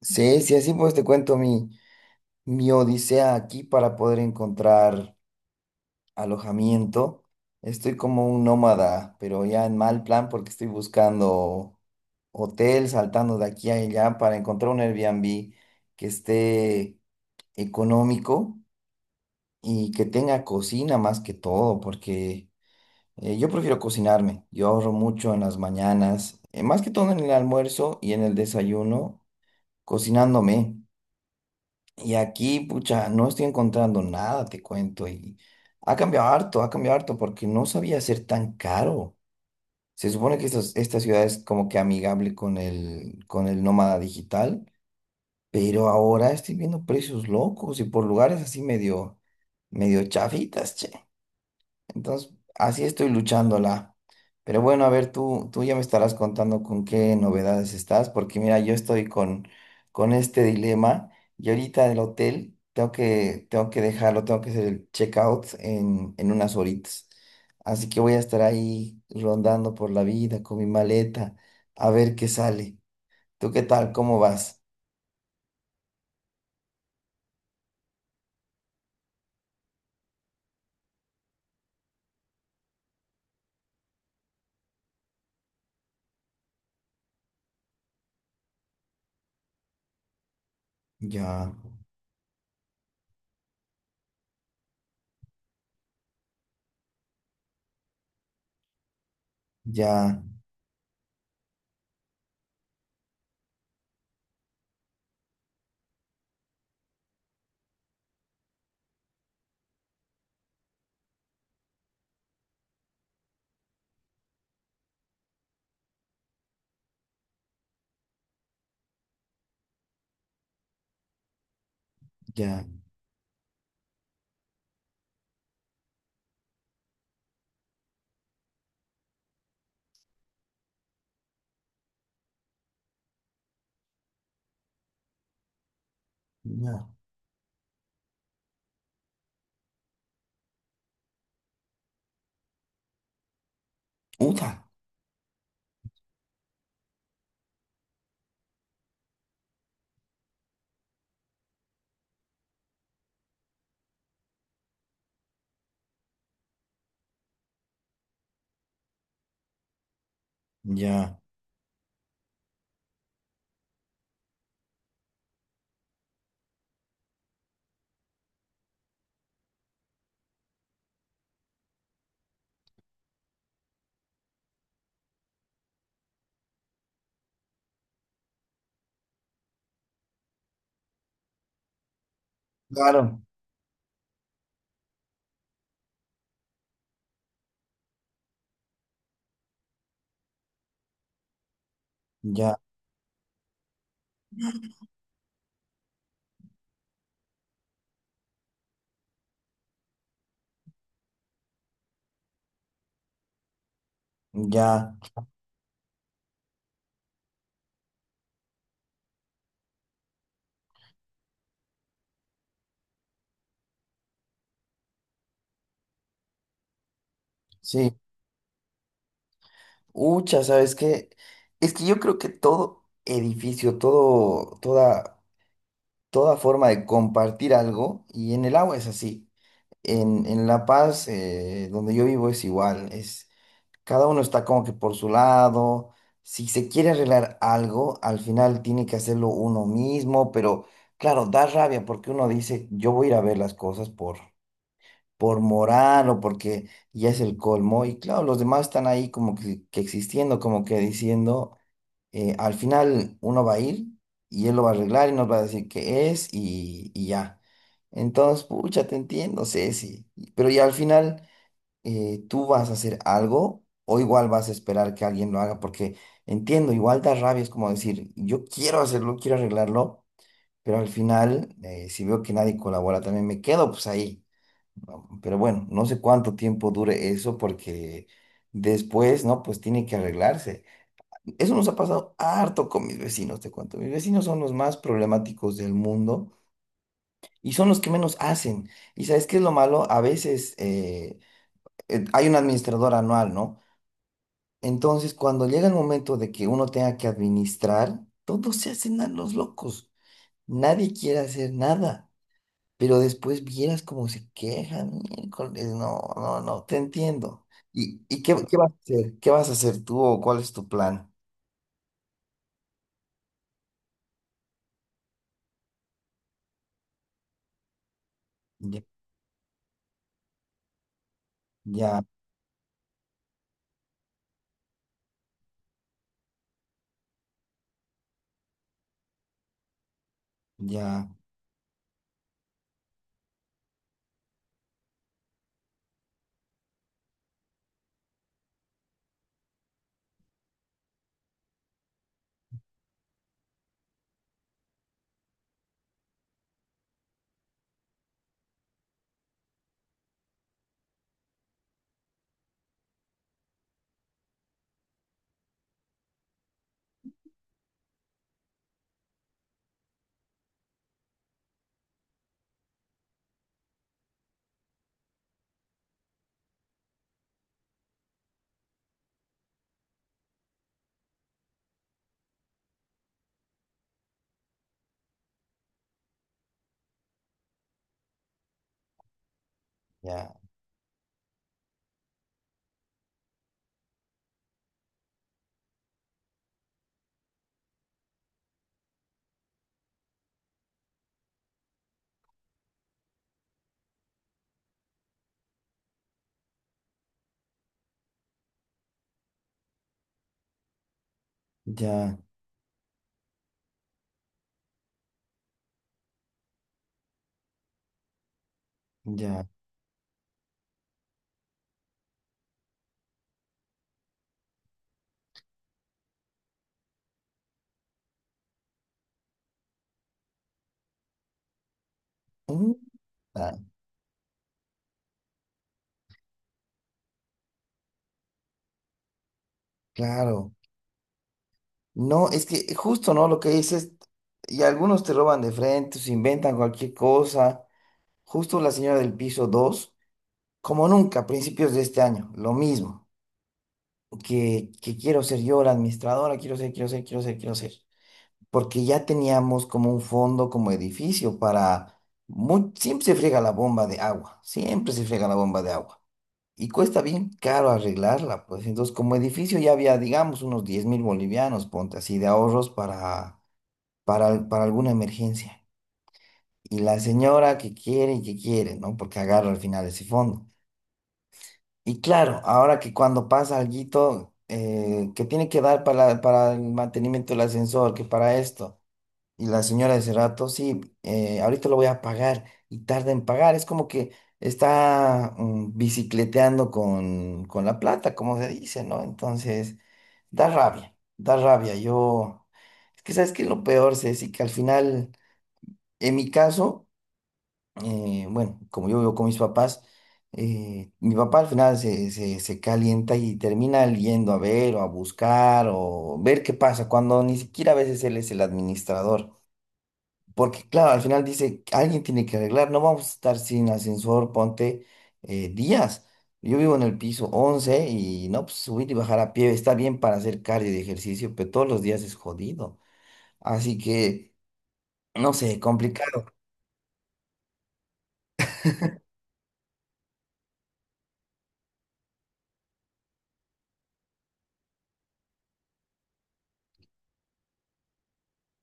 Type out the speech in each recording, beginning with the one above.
Sí, sí, así pues te cuento mi odisea aquí para poder encontrar alojamiento. Estoy como un nómada, pero ya en mal plan porque estoy buscando hotel, saltando de aquí a allá para encontrar un Airbnb que esté económico y que tenga cocina más que todo, porque yo prefiero cocinarme. Yo ahorro mucho en las mañanas, más que todo en el almuerzo y en el desayuno, cocinándome. Y aquí, pucha, no estoy encontrando nada, te cuento. Y ha cambiado harto porque no sabía ser tan caro. Se supone que esta ciudad es como que amigable con el nómada digital, pero ahora estoy viendo precios locos y por lugares así medio chafitas, che. Entonces, así estoy luchándola. Pero bueno, a ver, tú ya me estarás contando con qué novedades estás, porque mira, yo estoy con este dilema y ahorita en el hotel tengo que dejarlo, tengo que hacer el checkout en unas horitas. Así que voy a estar ahí rondando por la vida con mi maleta, a ver qué sale. ¿Tú qué tal? ¿Cómo vas? Ya, ya, ya, ya. Uta, ya. Claro, ya, ya, sí. Ucha, ¿sabes qué? Es que yo creo que todo edificio, todo, toda, toda forma de compartir algo, y en el agua es así. En La Paz, donde yo vivo, es igual. Cada uno está como que por su lado. Si se quiere arreglar algo, al final tiene que hacerlo uno mismo, pero claro, da rabia porque uno dice, yo voy a ir a ver las cosas por moral o porque ya es el colmo. Y claro, los demás están ahí como que existiendo, como que diciendo, al final uno va a ir y él lo va a arreglar y nos va a decir qué es y ya. Entonces, pucha, te entiendo, Ceci. Pero ya al final tú vas a hacer algo o igual vas a esperar que alguien lo haga porque entiendo, igual da rabia, es como decir, yo quiero hacerlo, quiero arreglarlo. Pero al final, si veo que nadie colabora, también me quedo pues ahí. Pero bueno, no sé cuánto tiempo dure eso porque después, ¿no? Pues tiene que arreglarse. Eso nos ha pasado harto con mis vecinos, te cuento. Mis vecinos son los más problemáticos del mundo y son los que menos hacen. ¿Y sabes qué es lo malo? A veces hay un administrador anual, ¿no? Entonces, cuando llega el momento de que uno tenga que administrar, todos se hacen a los locos. Nadie quiere hacer nada. Pero después vieras cómo se quejan, miércoles, no, no, no, te entiendo. ¿Y qué vas a hacer? ¿Qué vas a hacer tú o cuál es tu plan? Ya, ya, ya, ya, ya, ya. Mm, ah, claro. No, es que justo, ¿no? Lo que dices, y algunos te roban de frente, se inventan cualquier cosa. Justo la señora del piso 2 como nunca, a principios de este año, lo mismo. Que quiero ser yo la administradora, quiero ser, quiero ser, quiero ser, quiero ser. Porque ya teníamos como un fondo, como edificio para... siempre se friega la bomba de agua, siempre se friega la bomba de agua. Y cuesta bien caro arreglarla, pues entonces como edificio ya había, digamos, unos 10.000 bolivianos, ponte así, de ahorros para, para alguna emergencia. Y la señora que quiere y que quiere, ¿no? Porque agarra al final ese fondo. Y claro, ahora que cuando pasa alguito que tiene que dar para el mantenimiento del ascensor, que para esto. Y la señora de ese rato, sí, ahorita lo voy a pagar y tarda en pagar. Es como que está bicicleteando con la plata, como se dice, ¿no? Entonces, da rabia, da rabia. Yo, es que sabes que lo peor, Ceci, que al final, en mi caso, bueno, como yo vivo con mis papás, mi papá al final se calienta y termina yendo a ver o a buscar o ver qué pasa, cuando ni siquiera a veces él es el administrador. Porque, claro, al final dice, alguien tiene que arreglar, no vamos a estar sin ascensor, ponte días. Yo vivo en el piso 11 y no, pues subir y bajar a pie está bien para hacer cardio y ejercicio, pero todos los días es jodido. Así que, no sé, complicado.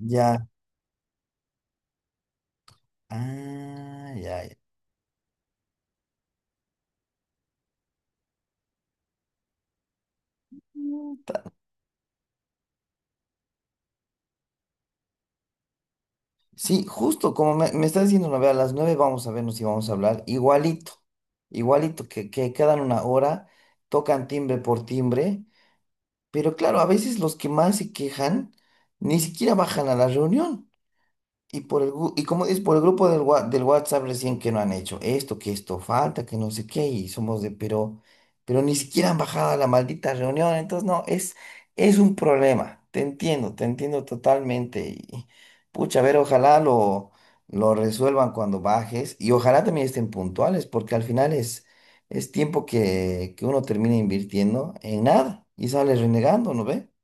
Ya, ah, ya, ya. Puta. Sí, justo como me estás diciendo, no, ve, a las 9 vamos a vernos y vamos a hablar igualito, igualito, que quedan una hora, tocan timbre por timbre. Pero claro, a veces los que más se quejan ni siquiera bajan a la reunión. Y por y como dices, por el grupo del WhatsApp recién que no han hecho esto, que esto falta, que no sé qué, y somos de, pero ni siquiera han bajado a la maldita reunión, entonces no, es, un problema, te entiendo totalmente, y pucha, a ver, ojalá lo resuelvan cuando bajes, y ojalá también estén puntuales, porque al final es, tiempo que uno termina invirtiendo en nada, y sale renegando, ¿no ve?